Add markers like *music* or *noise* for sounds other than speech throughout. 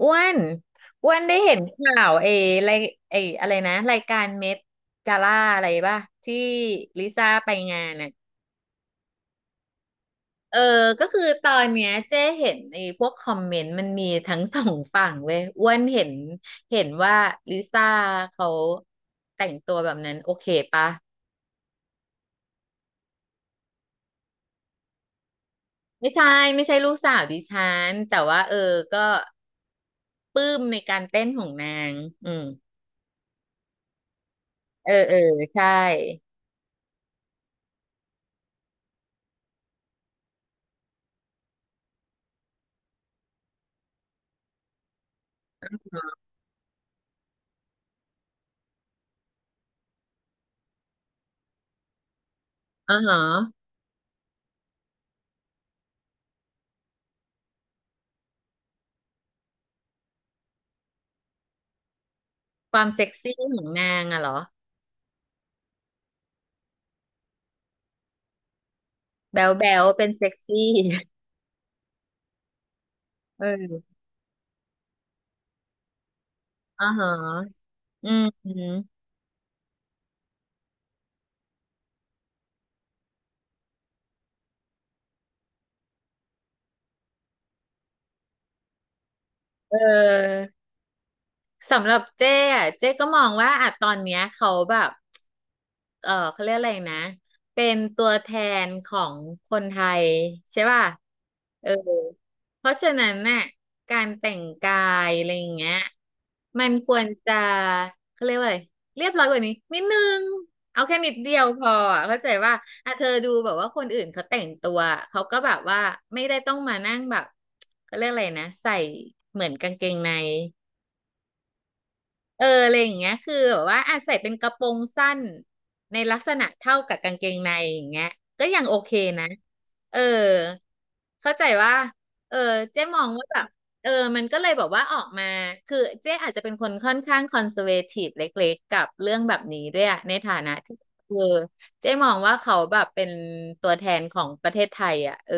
อ้วนอ้วนได้เห็นข่าวเอไรเออะไรนะรายการเม็ดกาล่าอะไรป่ะที่ลิซ่าไปงานน่ะเออก็คือตอนเนี้ยเจ๊เห็นไอ้พวกคอมเมนต์มันมีทั้งสองฝั่งเว้ยอ้วนเห็นเห็นว่าลิซ่าเขาแต่งตัวแบบนั้นโอเคปะไม่ใช่ ไม่ใช่ลูกสาวดิฉันแต่ว่าเออก็ปลื้มในการเต้นของนาง อืม เออเออใช่อ๋อฮะความเซ็กซี่ของนางอะเหรอ แบ๋วแบ๊วเป็นเซ็กซี่เอออ่าฮะอืมอืมเออ สำหรับเจ้อะเจ้ก็มองว่าอะตอนเนี้ยเขาแบบเขาเรียกอะไรนะเป็นตัวแทนของคนไทยใช่ป่ะเออเพราะฉะนั้นน่ะการแต่งกายอะไรอย่างเงี้ยมันควรจะเขาเรียกว่าอะไรเรียบร้อยกว่านี้นิดนึงเอาแค่นิดเดียวพออะเข้าใจว่าอ่ะเธอดูแบบว่าคนอื่นเขาแต่งตัวเขาก็แบบว่าไม่ได้ต้องมานั่งแบบเขาเรียกอะไรนะใส่เหมือนกางเกงใน อะไรอย่างเงี้ยคือแบบว่าอาจใส่เป็นกระโปรงสั้นในลักษณะเท่ากับกางเกงในอย่างเงี้ยก็ยังโอเคนะเออเข้าใจว่าเออเจ๊มองว่าแบบเออมันก็เลยบอกว่าออกมาคือเจ๊อาจจะเป็นคนค่อนข้างคอนเซอร์เวทีฟเล็กๆกับเรื่องแบบนี้ด้วยอะในฐานะที่เออเจ๊มองว่าเขาแบบเป็นตัวแทนของประเทศไทยอ่ะเออ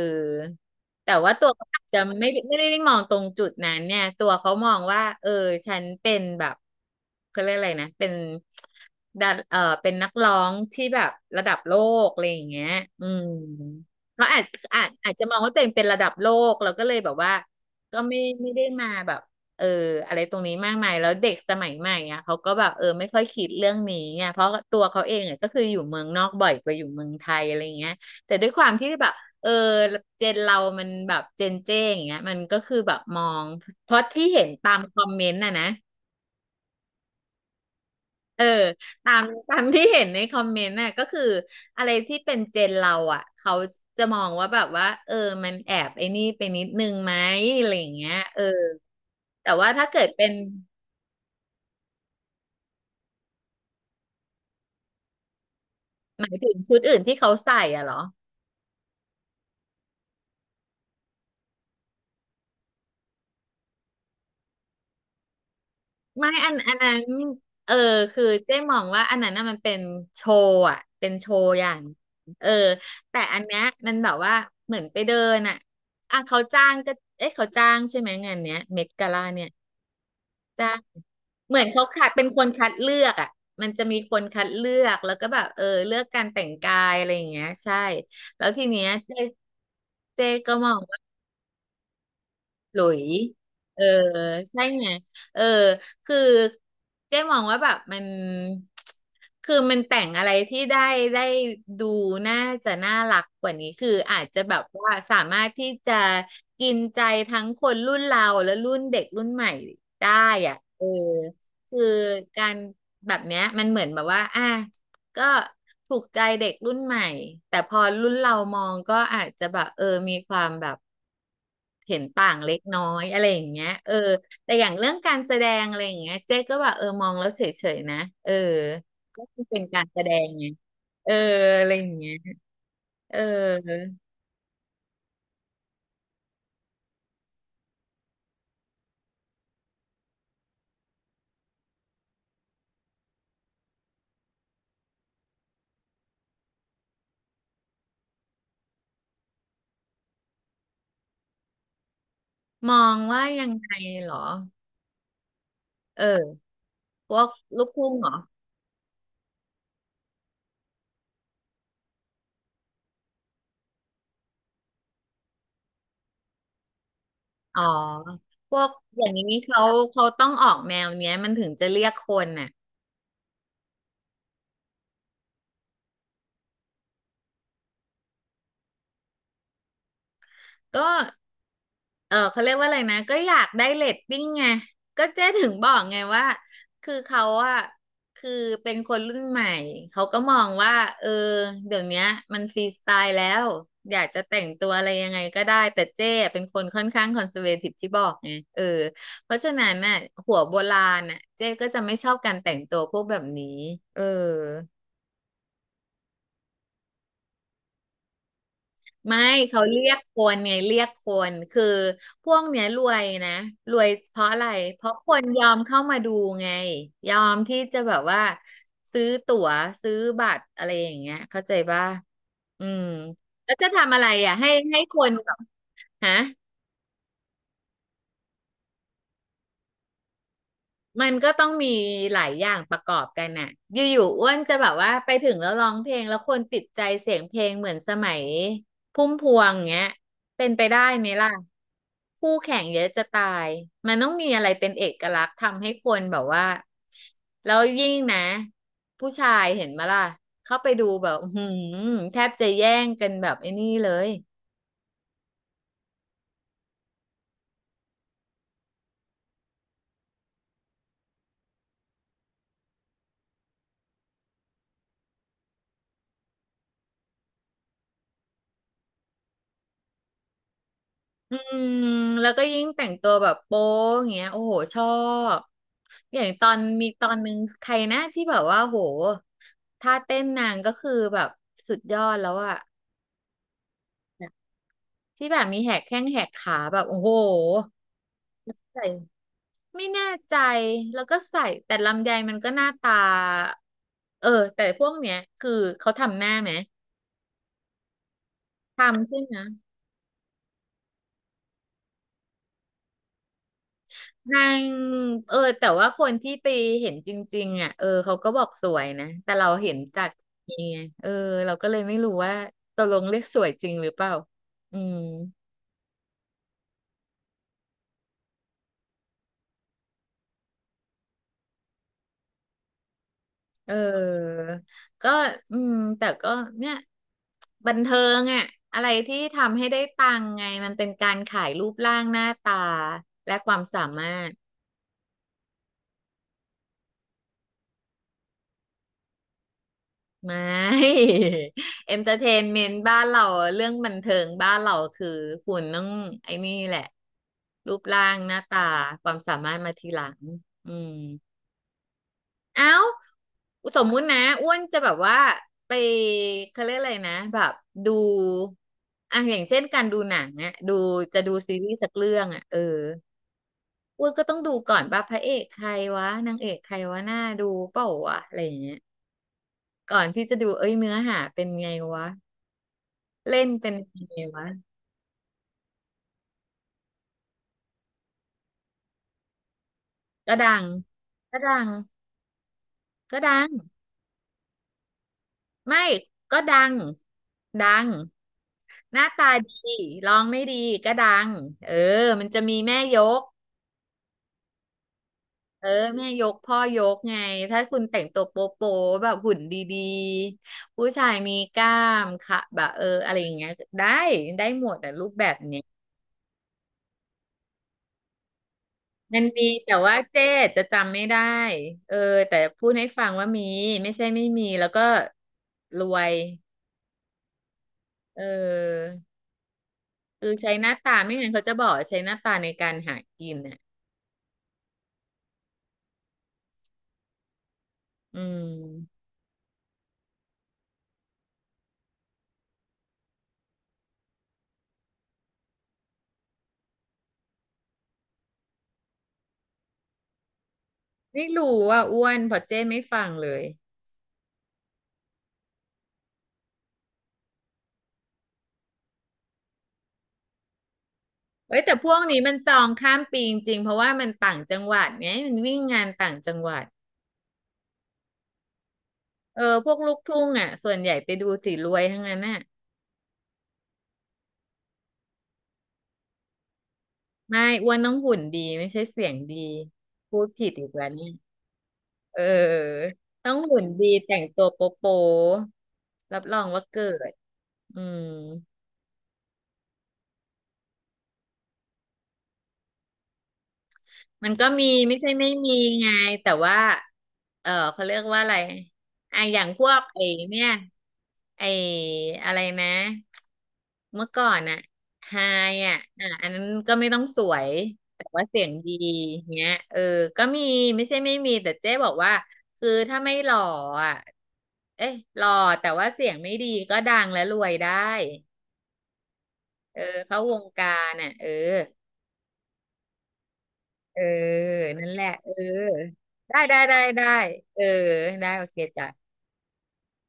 แต่ว่าตัวเขาอาจจะไม่ได้มองตรงจุดนั้นเนี่ยตัวเขามองว่าเออฉันเป็นแบบเขาเรียกอะไรนะเป็นดันเป็นนักร้องที่แบบระดับโลกอะไรอย่างเงี้ยอืมเขาอาจจะมองว่าตัวเองเป็นระดับโลกแล้วก็เลยแบบว่าก็ไม่ได้มาแบบเอออะไรตรงนี้มากมายแล้วเด็กสมัยใหม่อ่ะเขาก็แบบไม่ค่อยคิดเรื่องนี้ไงเพราะตัวเขาเองอ่ะก็คืออยู่เมืองนอกบ่อยกว่าอยู่เมืองไทยอะไรอย่างเงี้ยแต่ด้วยความที่แบบ เออเจนเรามันแบบเจนเจ้อย่างเงี้ยมันก็คือแบบมองเพราะที่เห็นตามคอมเมนต์น่ะนะเออตามตามที่เห็นในคอมเมนต์น่ะก็คืออะไรที่เป็นเจนเราอ่ะเขาจะมองว่าแบบว่าเออมันแอบไอ้นี่ไปนิดนึงไหมอะไรอย่างเงี้ยเออแต่ว่าถ้าเกิดเป็นหมายถึงชุดอื่นที่เขาใส่อะเหรอ ไม่อันนั้นเออคือเจ๊มองว่าอันนั้นน่ะมันเป็นโชว์อ่ะเป็นโชว์อย่างเออแต่อันเนี้ยมันแบบว่าเหมือนไปเดินอ่ะอ่ะเขาจ้างก็เอ๊ะเขาจ้างใช่ไหมงานเนี้ยเมดกาล่าเนี่ยจ้างเหมือนเขาคัดเป็นคนคัดเลือกอ่ะมันจะมีคนคัดเลือกแล้วก็แบบเลือกการแต่งกายอะไรอย่างเงี้ยใช่แล้วทีเนี้ยเจ๊ก็มอง หลุยเออใช่ไงเออคือเจ๊มองว่าแบบมันคือมันแต่งอะไรที่ได้ดูน่าจะน่ารักกว่านี้คืออาจจะแบบว่าสามารถที่จะกินใจทั้งคนรุ่นเราและรุ่นเด็กรุ่นใหม่ได้อ่ะเออคือการแบบเนี้ยมันเหมือนแบบว่าอ่ะก็ถูกใจเด็กรุ่นใหม่แต่พอรุ่นเรามองก็อาจจะแบบมีความแบบ เห็นต่างเล็กน้อยอะไรอย่างเงี้ยเออแต่อย่างเรื่องการแสดงอะไรอย่างเงี้ยเจ๊ก็แบบมองแล้วเฉยๆนะเออก็คือเป็นการแสดงไงเอออะไรอย่างเงี้ยเออมองว่ายังไงเหรอเออพวกลูกทุ่งเหรออ๋อพวกอย่างนี้เขาเขาต้องออกแนวเนี้ยมันถึงจะเรียกคนน่ะ ก็ เออเขาเรียกว่าอะไรนะก็อยากได้เรตติ้งไงก็เจ๊ถึงบอกไงว่าคือเขาอะคือเป็นคนรุ่นใหม่เขาก็มองว่าเออเดี๋ยวเนี้ยมันฟรีสไตล์แล้วอยากจะแต่งตัวอะไรยังไงก็ได้แต่เจ๊เป็นคนค่อนข้างคอนเซอร์เวทีฟที่บอกไงเออเพราะฉะนั้นน่ะหัวโบราณน่ะเจ๊ก็จะไม่ชอบการแต่งตัวพวกแบบนี้เออ ไม่เขาเรียกคนไงเรียกคือพวกเนี้ยรวยนะรวยเพราะอะไรเพราะคนยอมเข้ามาดูไงยอมที่จะแบบว่าซื้อตั๋วซื้อบัตรอะไรอย่างเงี้ยเข้าใจป่ะอืมแล้วจะทำอะไรอ่ะให้คนแบบฮะ มันก็ต้องมีหลายอย่างประกอบกันน่ะอยู่ๆอ้วนจะแบบว่าไปถึงแล้วร้องเพลงแล้วคนติดใจเสียงเพลงเหมือนสมัยพุ่มพวงเงี้ย เป็นไปได้ไหมล่ะคู่แข่งเยอะจะตาย มันต้องมีอะไรเป็นเอกลักษณ์ทำให้คนแบบว่าแล้วยิ่งนะผู้ชายเห็นมาล่ะเข้าไปดูแบบอื้อหืมแทบจะแย่งกันแบบไอ้นี่เลย อืมแล้วก็ยิ่งแต่งตัวแบบโป๊อย่างเงี้ยโอ้โหชอบอย่างตอนมีตอนนึงใครนะที่แบบว่าโหท่าเต้นนางก็คือแบบสุดยอดแล้วอะที่แบบมีแหกแข้งแหกขาแบบโอ้โหใส่ไม่แน่ใจแล้วก็ใส่แต่ลำไยมันก็หน้าตาเออแต่พวกเนี้ยคือเขาทำหน้าไหมทำใช่ไหม นางเออแต่ว่าคนที่ไปเห็นจริงๆอ่ะเออเขาก็บอกสวยนะแต่เราเห็นจากนี่ไงเออเราก็เลยไม่รู้ว่าตกลงเรียกสวยจริงหรือเปล่าอืมเออก็อืมแต่ก็เนี่ยบันเทิงอ่ะอะไรที่ทำให้ได้ตังค์ไงมันเป็นการขายรูปร่างหน้าตาและความสามารถ ไม่ *laughs* เอนเตอร์เทนเมนต์บ้านเราเรื่องบันเทิงบ้านเราคือคุณต้องไอ้นี่แหละรูปร่างหน้าตาความสามารถมาทีหลังอืมเอ้าสมมุตินะอ้วนจะแบบว่าไปเขาเรียกอะไรนะแบบดูอ่ะอย่างเช่นการดูหนังอะดูจะดูซีรีส์สักเรื่องอะเอออ้วนก็ต้องดูก่อนว่าพระเอกใครวะนางเอกใครวะหน้าดูเปล่าวะอะไรอย่างเงี้ยก่อนที่จะดูเอ้ยเนื้อหาเป็นไงวะ เล่นเป็นยังไงวะก็ดังก็ดังก็ดัง ไม่ก็ดัง หน้าตาดีร้องไม่ดีก็ดังเออมันจะมีแม่ยก เออแม่ยกพ่อยกไง ถ้าคุณแต่งตัวโป๊โปแบบหุ่นดีๆ ผู้ชายมีกล้ามค่ะแบบเอออะไรอย่างเงี้ยได้ได้หมดอะรูปแบบเนี้ยมันมีแต่ว่าเจ๊จะจำไม่ได้เออแต่พูดให้ฟังว่ามีไม่ใช่ไม่มีแล้วก็รวย เออคือใช้หน้าตาไม่งั้นเขาจะบอกว่าใช้หน้าตาในการหากินอ่ะอืมไม่รู้ว่าอ้วนเพอเจ้ไม่ฟังเลยเอ้ยแต่พวกนี้มันจองข้ามปีจริงๆเพราะว่ามันต่างจังหวัดไงมันวิ่งงานต่างจังหวัดเออพวกลูกทุ่งอ่ะส่วนใหญ่ไปดูสีรวยทั้งนั้นน่ะไม่อ้วนต้องหุ่นดีไม่ใช่เสียงดีพูดผิดอีกแล้วเนี่ยเออต้องหุ่นดีแต่งตัวโป๊ะๆรับรองว่าเกิดอืม มันก็มีไม่ใช่ไม่มีไงแต่ว่าเออเขาเรียกว่าอะไรไอะอย่างพวกไอเนี่ย ไออะไรนะเมื่อก่อนอะไฮอะอ่ะอันนั้นก็ไม่ต้องสวยแต่ว่าเสียงดีเงี้ยเออก็มีไม่ใช่ไม่มีแต่เจ๊บอกว่าคือถ้าไม่หล่ออะเอ๊ะหล่อแต่ว่าเสียงไม่ดีก็ดังและรวยได้เออเข้าวงการน่ะเออ เออนั่นแหละเออได้เออได้โอเคจ้ะ